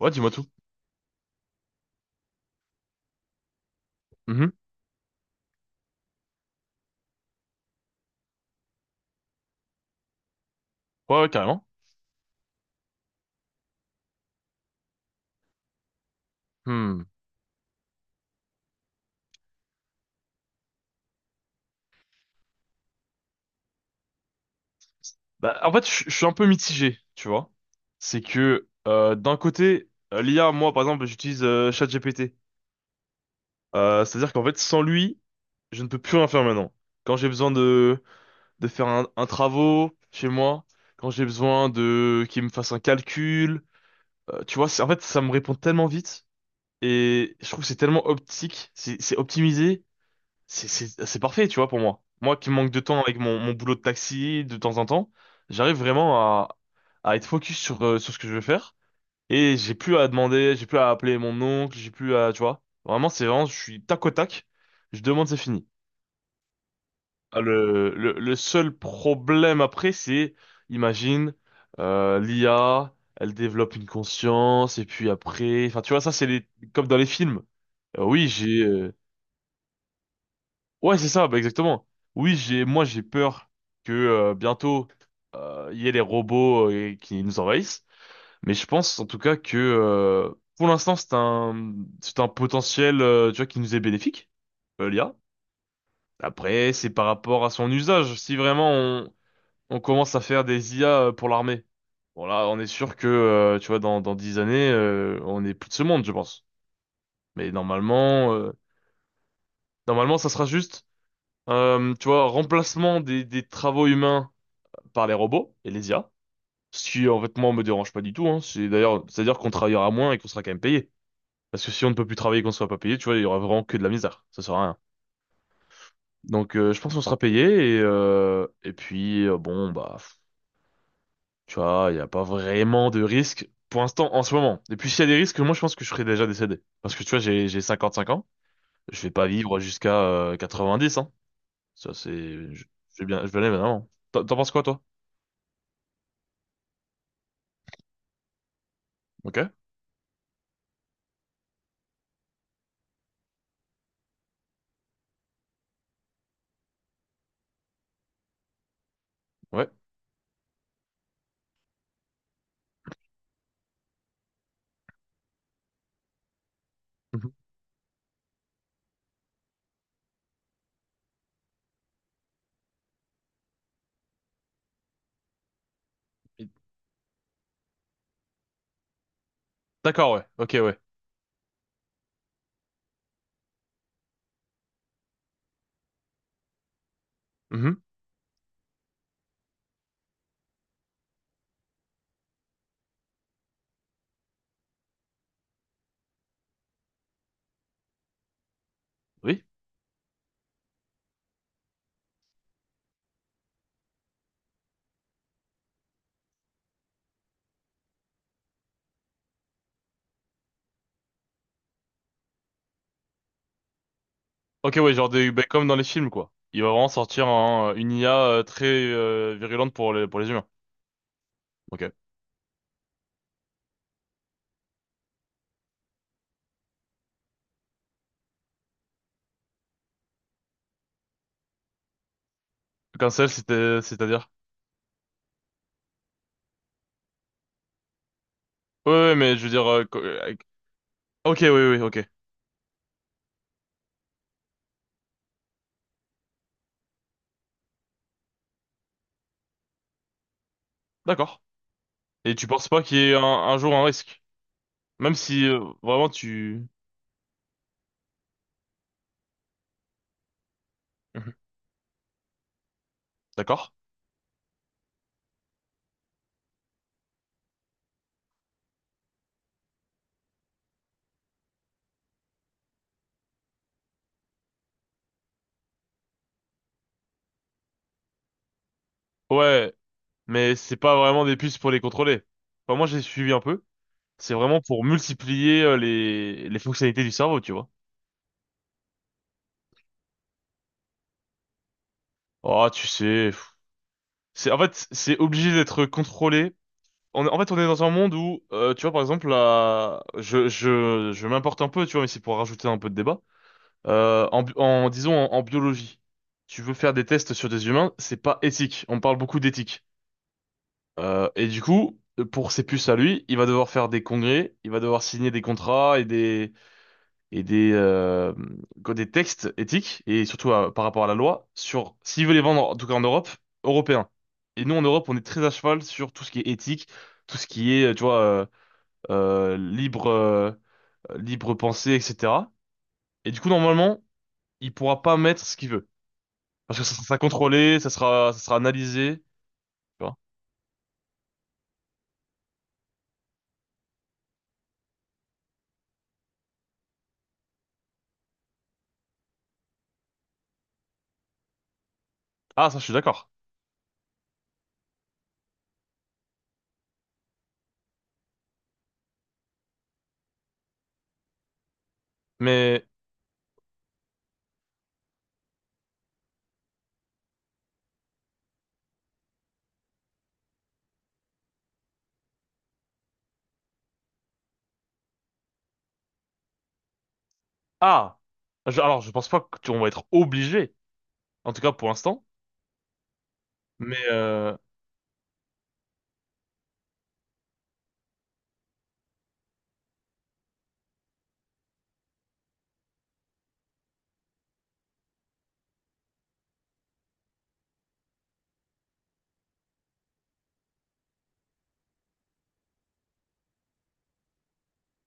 Ouais, dis-moi tout. Mhm. Ouais, ouais, carrément. Hmm. Bah, en fait, je suis un peu mitigé, tu vois. C'est que d'un côté, l'IA, moi, par exemple, j'utilise ChatGPT. C'est-à-dire qu'en fait, sans lui, je ne peux plus rien faire maintenant. Quand j'ai besoin de faire un travaux chez moi, quand j'ai besoin de qu'il me fasse un calcul, tu vois, en fait, ça me répond tellement vite et je trouve que c'est tellement optique, c'est optimisé. C'est parfait, tu vois, pour moi. Moi qui manque de temps avec mon boulot de taxi de temps en temps, j'arrive vraiment à être focus sur ce que je veux faire. Et j'ai plus à demander, j'ai plus à appeler mon oncle, j'ai plus à, tu vois. Vraiment, c'est vraiment, je suis tac au tac. Je demande, c'est fini. Ah, le seul problème après, c'est, imagine, l'IA, elle développe une conscience, et puis après, enfin, tu vois, ça, c'est les, comme dans les films. Oui, j'ai, ouais, c'est ça, bah exactement. Oui, j'ai, moi, j'ai peur que bientôt il y ait les robots et qui nous envahissent. Mais je pense en tout cas que pour l'instant, c'est un potentiel, tu vois, qui nous est bénéfique, l'IA. Après, c'est par rapport à son usage. Si vraiment on commence à faire des IA pour l'armée, bon là, on est sûr que, tu vois, dans 10 années, on n'est plus de ce monde, je pense. Mais normalement, ça sera juste. Tu vois, remplacement des travaux humains par les robots et les IA. Ce qui, en fait, moi, me dérange pas du tout, hein. C'est d'ailleurs, c'est-à-dire qu'on travaillera moins et qu'on sera quand même payé. Parce que si on ne peut plus travailler et qu'on ne sera pas payé, tu vois, il y aura vraiment que de la misère. Ça sert à rien. Donc, je pense qu'on sera payé et puis, bon, bah, pff, tu vois, il n'y a pas vraiment de risque pour l'instant, en ce moment. Et puis, s'il y a des risques, moi, je pense que je serai déjà décédé. Parce que, tu vois, j'ai 55 ans. Je vais pas vivre jusqu'à, 90, hein. Ça, c'est, je, je vais bien, je vais aller, évidemment. T'en penses quoi, toi? Ok. Ouais. Mhm. Et- D'accord, ouais. Ok, ouais. Mhm. Oui. Ok, ouais, genre des, ben, comme dans les films, quoi. Il va vraiment sortir une IA très virulente pour pour les humains. Ok. Cancel, c'était, c'est-à-dire? Ouais, ouais, mais je veux dire, ok, oui, oui, ok. D'accord. Et tu penses pas qu'il y ait un jour un risque? Même si vraiment tu. Mhm. D'accord. Ouais, mais c'est pas vraiment des puces pour les contrôler. Enfin, moi, j'ai suivi un peu. C'est vraiment pour multiplier les fonctionnalités du cerveau, tu vois. Oh, tu sais. C'est en fait, c'est obligé d'être contrôlé. On, est- en fait, on est dans un monde où, tu vois, par exemple, là, je m'importe un peu, tu vois, mais c'est pour rajouter un peu de débat. En, bi- en disons en biologie, tu veux faire des tests sur des humains, c'est pas éthique. On parle beaucoup d'éthique. Et du coup, pour ses puces à lui, il va devoir faire des congrès, il va devoir signer des contrats et des, euh, quoi, des textes éthiques, et surtout par rapport à la loi, sur s'ils veulent les vendre, en tout cas en Europe, européens. Et nous, en Europe, on est très à cheval sur tout ce qui est éthique, tout ce qui est, tu vois, euh, libre, euh, libre pensée, etc. Et du coup, normalement, il pourra pas mettre ce qu'il veut. Parce que ça sera contrôlé, ça sera analysé. Tu vois. Ah, ça, je suis d'accord. Mais, ah, alors, je pense pas qu'on va être obligé, en tout cas pour l'instant. Mais,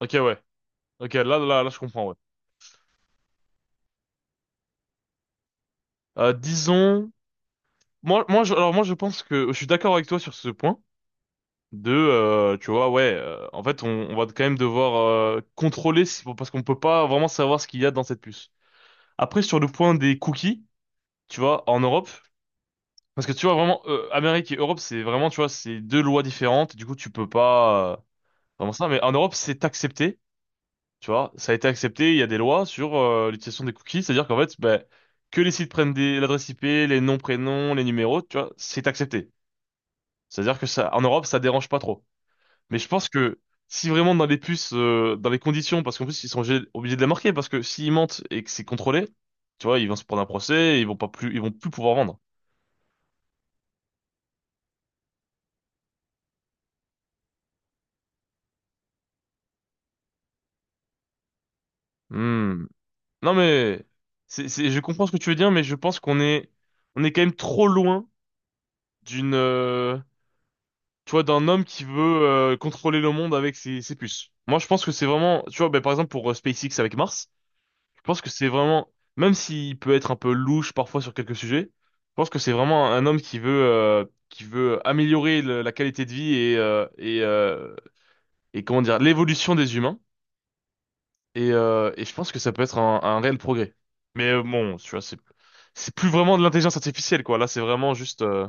ok, ouais. Ok, là, là, là, je comprends, ouais. Disons, alors moi, je pense que je suis d'accord avec toi sur ce point. De, tu vois, ouais, en fait, on va quand même devoir contrôler parce qu'on peut pas vraiment savoir ce qu'il y a dans cette puce. Après, sur le point des cookies, tu vois, en Europe, parce que tu vois vraiment, Amérique et Europe, c'est vraiment, tu vois, c'est deux lois différentes. Du coup, tu peux pas vraiment ça. Mais en Europe, c'est accepté, tu vois, ça a été accepté. Il y a des lois sur l'utilisation des cookies, c'est-à-dire qu'en fait, ben, que les sites prennent l'adresse IP, les noms, prénoms, les numéros, tu vois, c'est accepté. C'est-à-dire que ça, en Europe, ça dérange pas trop. Mais je pense que si vraiment dans les puces, dans les conditions, parce qu'en plus ils sont obligés de les marquer, parce que s'ils mentent et que c'est contrôlé, tu vois, ils vont se prendre un procès, et ils vont plus pouvoir vendre. Hmm. Non mais, c'est, je comprends ce que tu veux dire, mais je pense qu'on est quand même trop loin d'une, euh, tu vois, d'un homme qui veut contrôler le monde avec ses puces. Moi, je pense que c'est vraiment, tu vois, ben, par exemple pour SpaceX avec Mars. Je pense que c'est vraiment, même s'il peut être un peu louche parfois sur quelques sujets, je pense que c'est vraiment un homme qui veut améliorer la qualité de vie et comment dire, l'évolution des humains. Et je pense que ça peut être un réel progrès. Mais bon, tu vois, c'est, plus vraiment de l'intelligence artificielle, quoi. Là, c'est vraiment juste,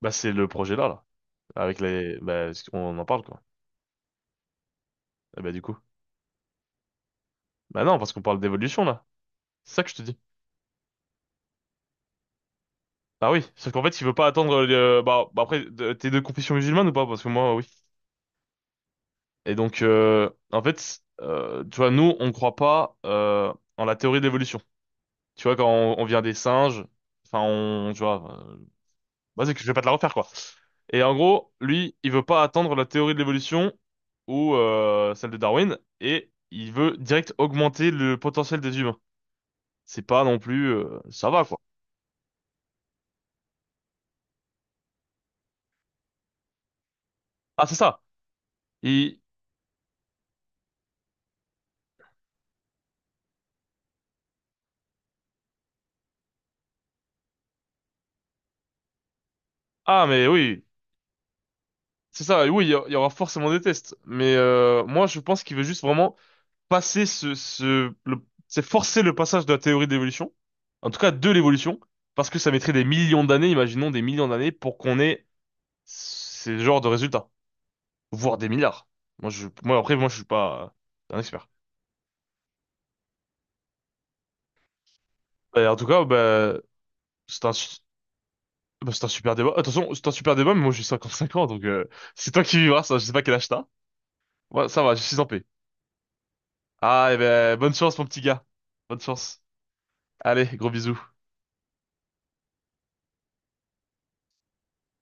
bah, c'est le projet là, là, avec les, bah, on en parle, quoi. Et bah, du coup, bah non, parce qu'on parle d'évolution là. C'est ça que je te dis. Ah oui, sauf qu'en fait, il veut pas attendre. Bah après, t'es de confession musulmane ou pas? Parce que moi, oui. Et donc, en fait, tu vois, nous, on croit pas en la théorie de l'évolution. Tu vois, quand on vient des singes, enfin, on, tu vois, vas-y, que je vais pas te la refaire, quoi. Et en gros, lui, il veut pas attendre la théorie de l'évolution ou celle de Darwin, et il veut direct augmenter le potentiel des humains. C'est pas non plus, ça va, quoi. Ah, c'est ça. Il. Ah, mais oui. C'est ça, et oui, il y aura forcément des tests. Mais moi, je pense qu'il veut juste vraiment passer c'est forcer le passage de la théorie de l'évolution, en tout cas de l'évolution, parce que ça mettrait des millions d'années, imaginons des millions d'années, pour qu'on ait ces genres de résultats, voire des milliards. Moi, moi après, moi, je suis pas un expert. Et en tout cas, bah, c'est un, su- bah, c'est un super débat. Attention, c'est un super débat, mais moi, j'ai 55 ans, donc c'est toi qui vivras ça. Je sais pas quel âge t'as. Ouais, ça va, je suis en paix. Ah, et ben, bonne chance, mon petit gars. Bonne chance. Allez, gros bisous.